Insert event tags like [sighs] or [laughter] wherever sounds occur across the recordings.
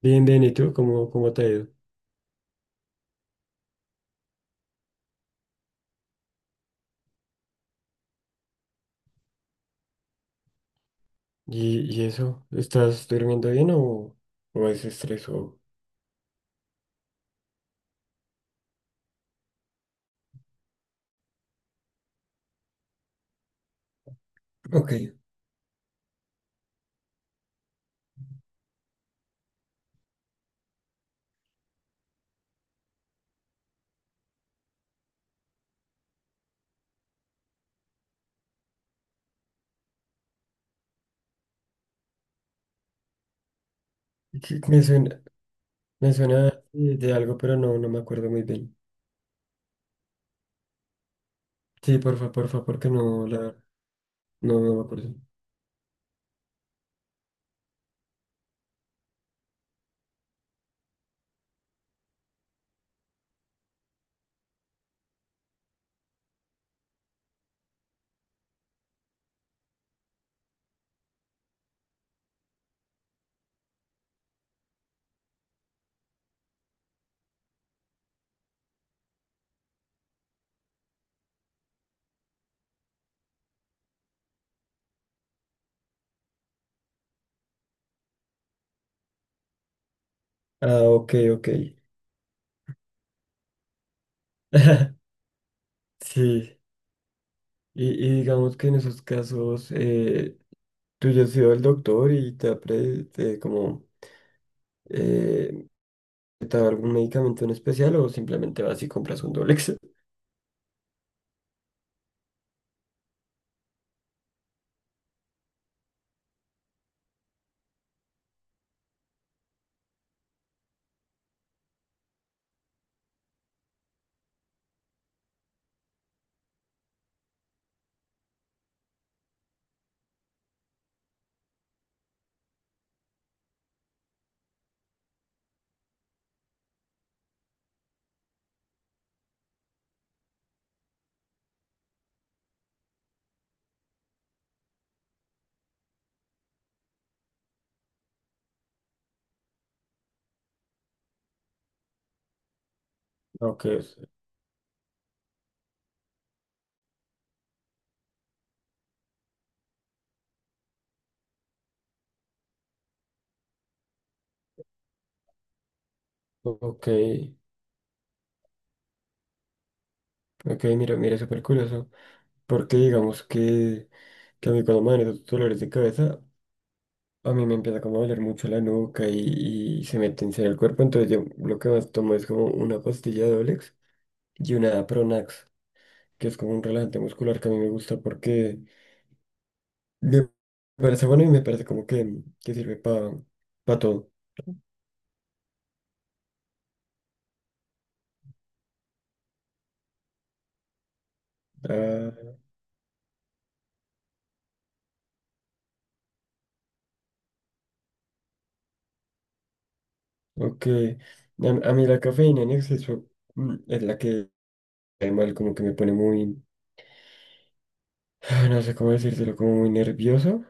Bien, bien, ¿y tú? ¿Cómo te ha ido? ¿Y eso? ¿Estás durmiendo bien o es estrés o...? Ok, que- me suena, me suena de algo, pero no, no me acuerdo muy bien. Sí, porfa, porfa, porque no, no, no me acuerdo. Ah, ok, ok. [laughs] Sí, y digamos que en esos casos, tú ya has ido al doctor y te ha te como. Eh, ¿Te ha dado algún medicamento en especial o simplemente vas y compras un Dolex? Ok, ok. Ok, mira, mira, súper curioso. Porque digamos que a mí cuando me dan esos dolores de cabeza, a mí me empieza como a doler mucho la nuca y se me tensa el cuerpo. Entonces yo lo que más tomo es como una pastilla de Olex y una Pronax, que es como un relajante muscular que a mí me gusta porque me parece bueno y me parece como que sirve para todo. Ah, ok. A mí la cafeína en exceso es la que, mal como que me pone muy. [sighs] No sé cómo decírtelo, como muy nervioso.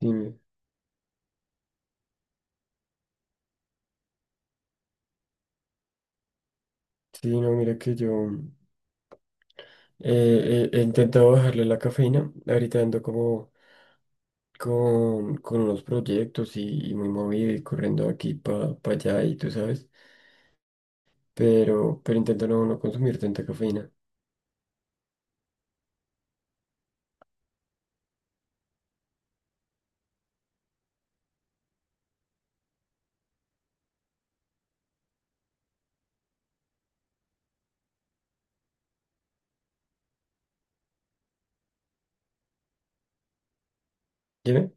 Sí, sí, no, mira que yo he intentado bajarle la cafeína. Ahorita ando como con unos proyectos y muy movido y corriendo de aquí para allá y tú sabes. Pero, intento no, no consumir tanta cafeína. Dime.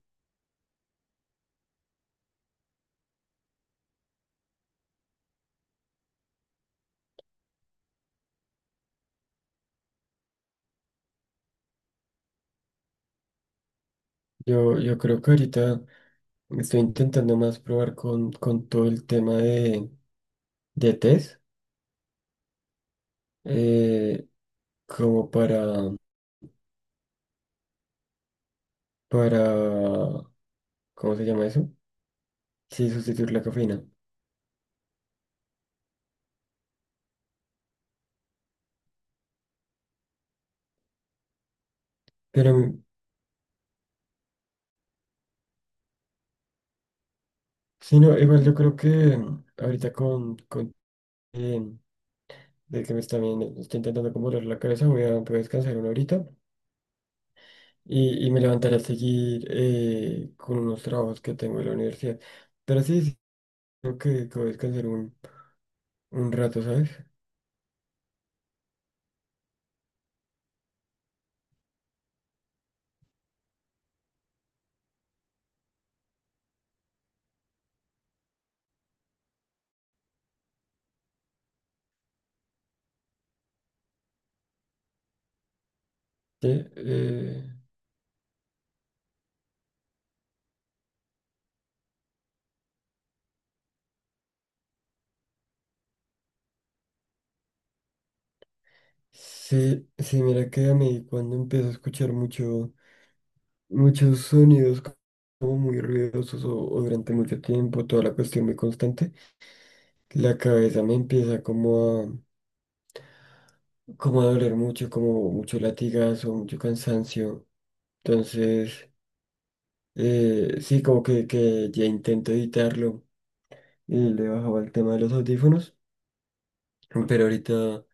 Yo creo que ahorita estoy intentando más probar con todo el tema de test. eh, Como para, para, ¿cómo se llama eso? Sí, sustituir la cafeína. Pero. Sí, no, igual yo creo que ahorita con eh, de que me está, bien, está intentando como doler la cabeza, voy a descansar una horita y me levantaré a seguir con unos trabajos que tengo en la universidad. Pero sí, sí, creo que voy a descansar un rato, ¿sabes? Sí, eh, sí, sí, mira que a mí cuando empiezo a escuchar mucho, muchos sonidos como muy ruidosos o durante mucho tiempo, toda la cuestión muy constante, la cabeza me empieza como a doler mucho, como mucho latigazo, mucho cansancio. Entonces, sí, como que ya intento evitarlo y le bajaba el tema de los audífonos, pero ahorita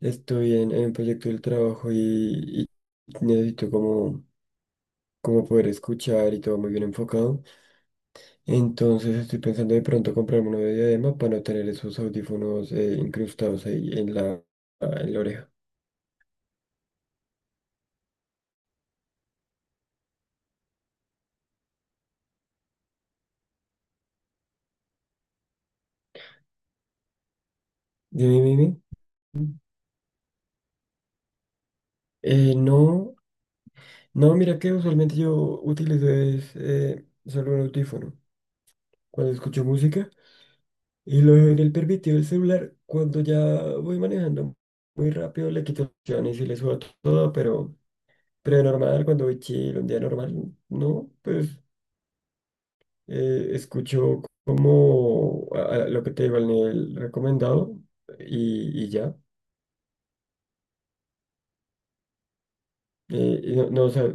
estoy en un proyecto del trabajo y necesito como poder escuchar y todo muy bien enfocado. Entonces estoy pensando de pronto comprarme uno de diadema para no tener esos audífonos incrustados ahí en la oreja. Dime, dime. No, no, mira que usualmente yo utilizo solo un audífono cuando escucho música y lo dejo en el permitido del celular cuando ya voy manejando muy rápido, le quito las opciones y le subo todo, pero, normal, cuando voy chill, un día normal, no, pues escucho como a lo que te digo al nivel recomendado y ya. Y no, no, o sea,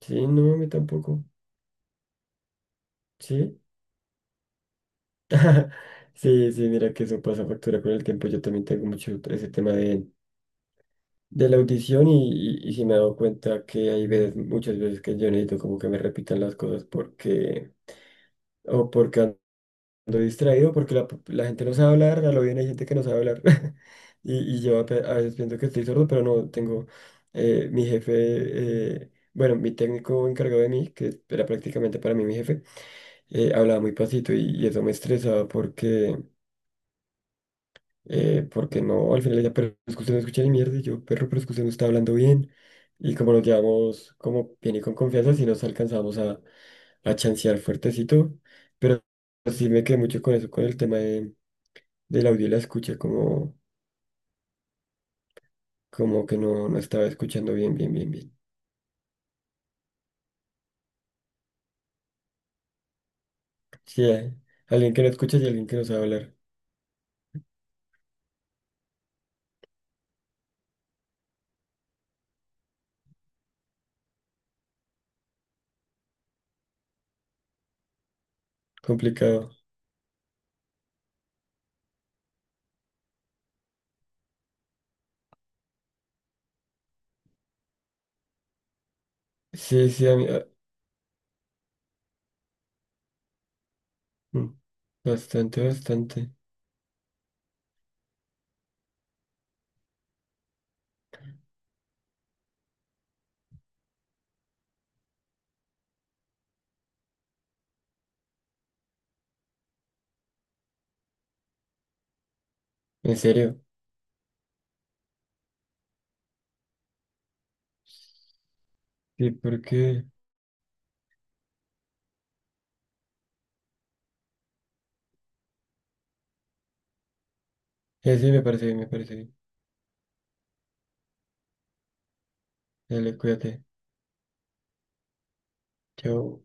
sí, no, a mí tampoco, sí. [laughs] Sí, sí, mira que eso pasa factura con el tiempo. Yo también tengo mucho ese tema de la audición y sí me he dado cuenta que hay veces, muchas veces que yo necesito como que me repitan las cosas porque o porque ando distraído, porque la gente no sabe hablar, a lo bien hay gente que no sabe hablar. [laughs] Y yo a veces pienso que estoy sordo, pero no tengo mi jefe, bueno, mi técnico encargado de mí, que era prácticamente para mí mi jefe, hablaba muy pasito y eso me estresaba porque no, al final ella, pero es que usted no escucha ni mierda, y yo, perro, pero es que usted no está hablando bien. Y como nos llevamos como bien y con confianza, sí nos alcanzamos a chancear fuertecito, pero sí me quedé mucho con eso, con el tema del audio y la escucha, como que no, no estaba escuchando bien, bien, bien, bien. Sí, alguien que no escucha y alguien que no sabe hablar, complicado. Sí, sí, a mí, ah, mm, bastante, bastante, en serio. Sí, sí, me parece bien, me parece bien. Dale, cuídate. Chao.